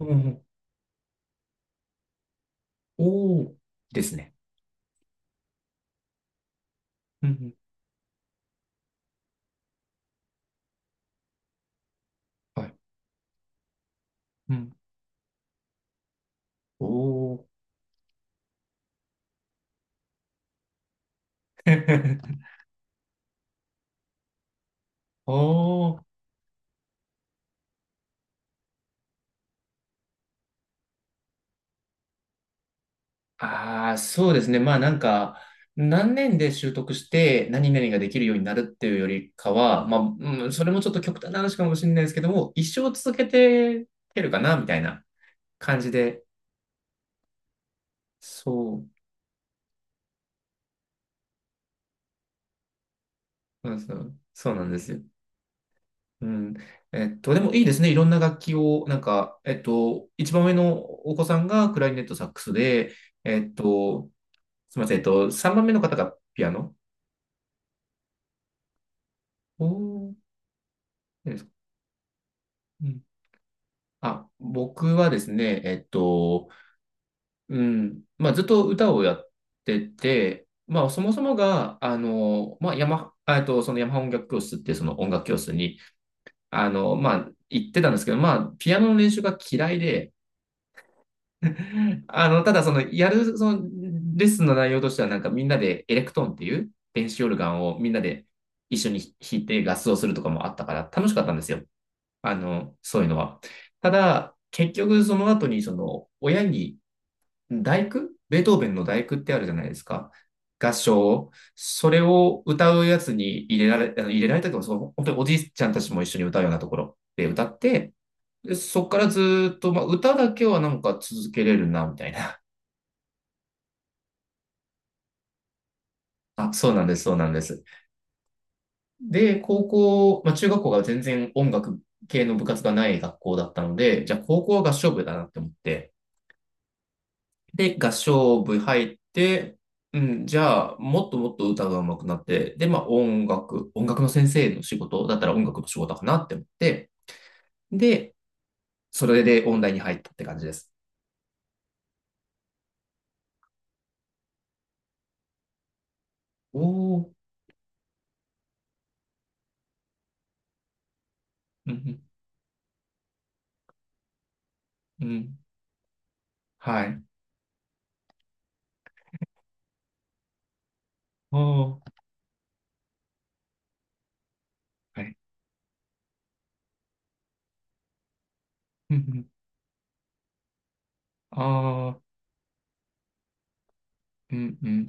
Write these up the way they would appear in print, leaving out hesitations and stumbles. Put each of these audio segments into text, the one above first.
うんうん。おー。ですね。うんうん。はい。うん。おー。おお、ああ、そうですね。まあ、なんか、何年で習得して何々ができるようになるっていうよりかは、まあ、うん、それもちょっと極端な話かもしれないですけども、一生続けてけるかな、みたいな感じで。そう、うん、そうそうなんですよ。うん。でもいいですね。いろんな楽器を、なんか、一番上のお子さんがクラリネットサックスで、えっと、すみません。3番目の方がピアノ。おー、いいですか？うん。あ、僕はですね、うん、まあ、ずっと歌をやってて、まあ、そもそもが、あの、まあ、ヤマ、あえっと、そのヤマハ音楽教室っていうその音楽教室に、あの、まあ、行ってたんですけど、まあ、ピアノの練習が嫌いで、あの、ただその、その、レッスンの内容としては、なんかみんなでエレクトーンっていう電子オルガンをみんなで一緒に弾いて合奏するとかもあったから楽しかったんですよ。あの、そういうのは。ただ、結局その後にその親に第九、ベートーベンの第九ってあるじゃないですか。合唱。それを歌うやつに入れられたけど、その本当におじいちゃんたちも一緒に歌うようなところで歌って、で、そこからずーっと、まあ、歌だけはなんか続けれるな、みたいな。あ、そうなんです、そうなんです。で、まあ、中学校が全然音楽系の部活がない学校だったので、じゃあ高校は合唱部だなって思って、で、合唱部入って、うん、じゃあ、もっともっと歌が上手くなって、で、まあ、音楽の先生の仕事だったら音楽の仕事かなって思って、で、それで音大に入ったって感じです。おー、うん、うん、うん、はい、おー、はい、うん、うん、あー、うん、うん、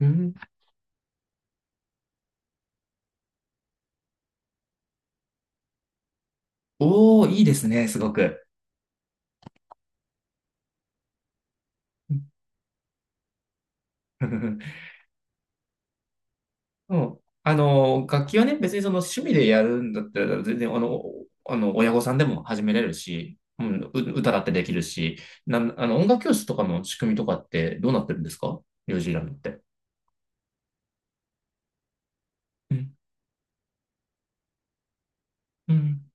うん、うん、おー、いいですね、すごく。うん。あの、楽器はね、別にその趣味でやるんだったら、全然、親御さんでも始めれるし、うん、歌だってできるし、あの、音楽教室とかの仕組みとかってどうなってるんですか？ニュージーランドって。うん、うん、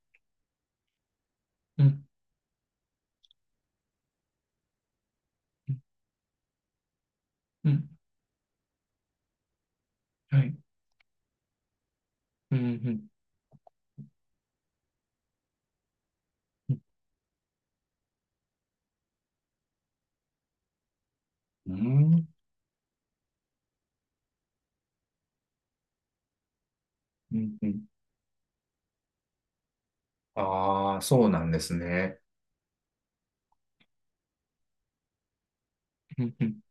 うん、うん、はい。うん、うん、うん、うん、うん。ああ、そうなんですね。うんうん。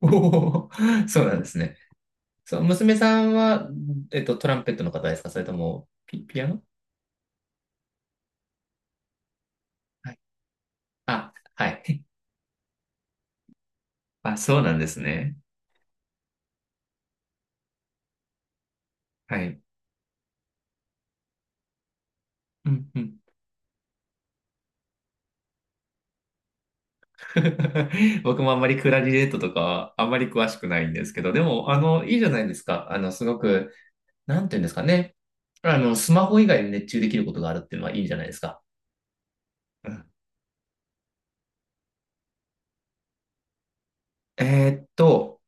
おー、そうなんですね。そう、娘さんは、トランペットの方ですか？それとも、ピアノ？はい。あ、はい。あ、そうなんですね。はい。うんうん。僕もあんまりクラリネットとかはあんまり詳しくないんですけど、でも、あの、いいじゃないですか。あの、すごく、なんていうんですかね。あの、スマホ以外に熱中できることがあるっていうのはいいじゃないですか。うん、えーっと、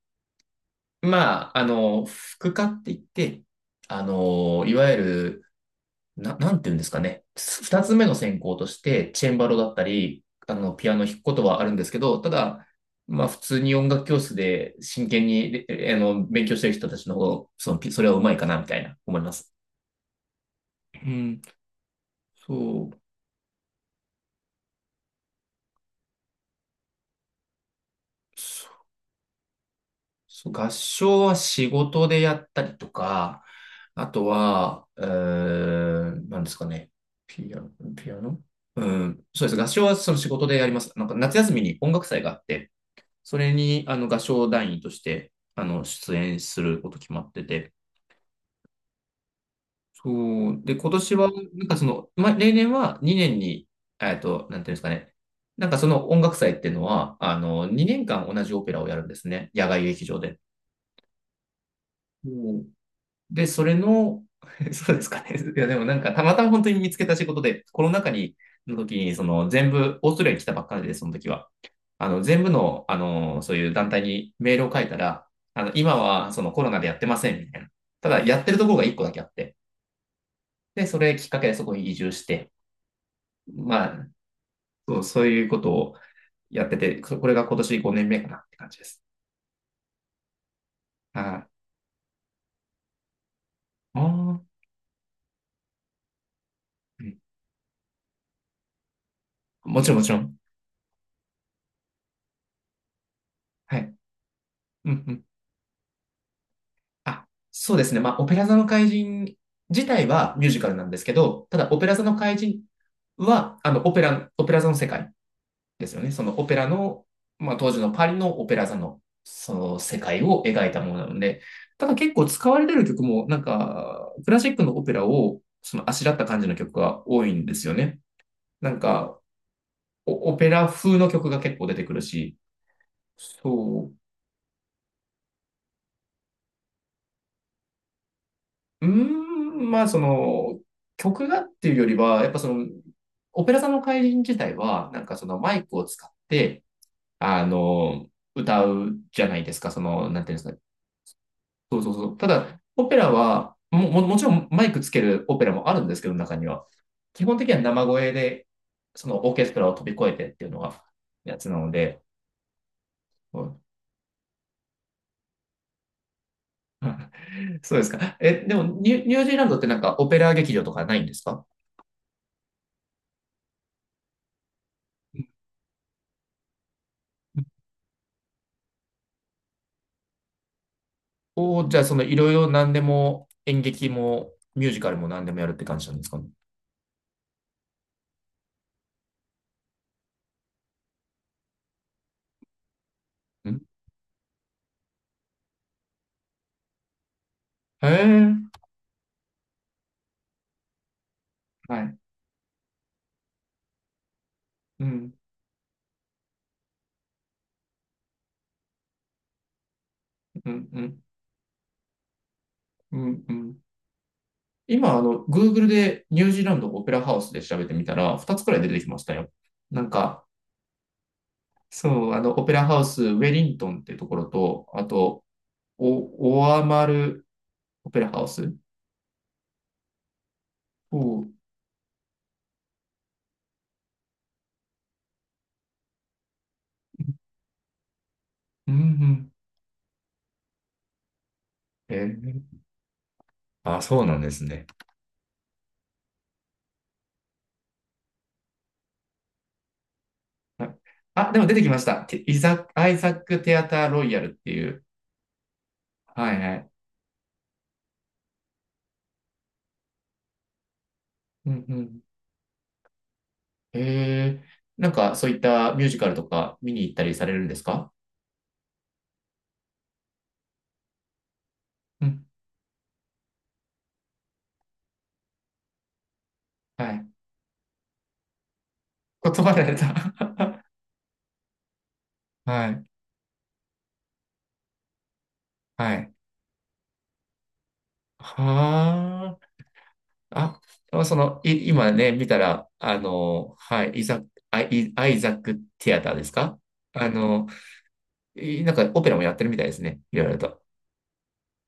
まあ、あの、副科って言って、あの、いわゆるな、なんていうんですかね。二つ目の専攻として、チェンバロだったり、あの、ピアノ弾くことはあるんですけど、ただ、まあ、普通に音楽教室で真剣に、えあの、勉強してる人たちの方が、その、それはうまいかな、みたいな、思います。うん、そう、そうそう、合唱は仕事でやったりとか、あとは、うーん、なんですかね。ピアノ、ピアノ、うん、そうです。合唱はその仕事でやります。なんか夏休みに音楽祭があって、それに、あの、合唱団員として、あの、出演すること決まってて。そう。で、今年は、なんかその、ま、例年は2年に、なんていうんですかね。なんかその音楽祭っていうのは、あの、2年間同じオペラをやるんですね。野外劇場で。うん、で、それの、そうですかね。いや、でもなんか、たまたま本当に見つけた仕事で、コロナ禍に、の時に、その全部、オーストラリアに来たばっかりで、その時は。あの、全部の、あの、そういう団体にメールを書いたら、あの、今はそのコロナでやってません、みたいな。ただ、やってるところが一個だけあって。で、それきっかけでそこに移住して、まあ、そう、そういうことをやってて、これが今年5年目かなって感じです。はい。ああ、うん、もちろん、もちろん。はい。うんうん。あ、そうですね。まあ、オペラ座の怪人自体はミュージカルなんですけど、ただ、オペラ座の怪人は、あの、オペラ座の世界ですよね。そのオペラの、まあ、当時のパリのオペラ座の、その世界を描いたものなので、ただ結構使われてる曲も、なんか、クラシックのオペラを、その、あしらった感じの曲が多いんですよね。なんか、オペラ風の曲が結構出てくるし、そう、うーん、まあ、その、曲がっていうよりは、やっぱその、オペラ座の怪人自体は、なんかそのマイクを使って、あの、歌うじゃないですか、その、なんていうんですか。そうそうそう。ただ、オペラは、もちろんマイクつけるオペラもあるんですけど、中には。基本的には生声で、そのオーケストラを飛び越えてっていうのが、やつなので、うん。 そうですか。え、でもニュージーランドってなんかオペラ劇場とかないんですか？おー、じゃあ、そのいろいろ何でも演劇もミュージカルも何でもやるって感じなんですかね。うん、へえ、はい。うん、うん、うん、うん、うん。今、あの、Google でニュージーランドオペラハウスで調べてみたら、2つくらい出てきましたよ。なんか、そう、あの、オペラハウス、ウェリントンっていうところと、あと、オアマルオペラハウス。おー、うんうん。えー、あ、そうなんですね。あ、でも出てきました。テイザ、アイザック・テアター・ロイヤルっていう。はいはい。うんうん。へえ、なんかそういったミュージカルとか見に行ったりされるんですか？うん。はい。言葉でた。はい。はい。はあ。あ、その、今ね、見たら、あの、はい、イザック、アイ、アイザックティアターですか？あの、なんかオペラもやってるみたいですね。いろいろと。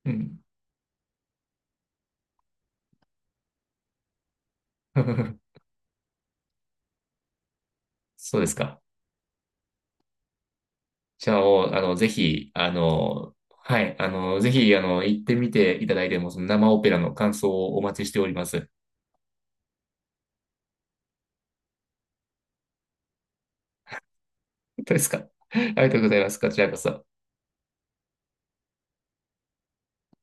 うん。そうですか。じゃあ、あの、ぜひ、あの、はい、あの、ぜひ、あの、行ってみていただいても、その生オペラの感想をお待ちしております。当ですか。ありがとうございます。こちらこそ。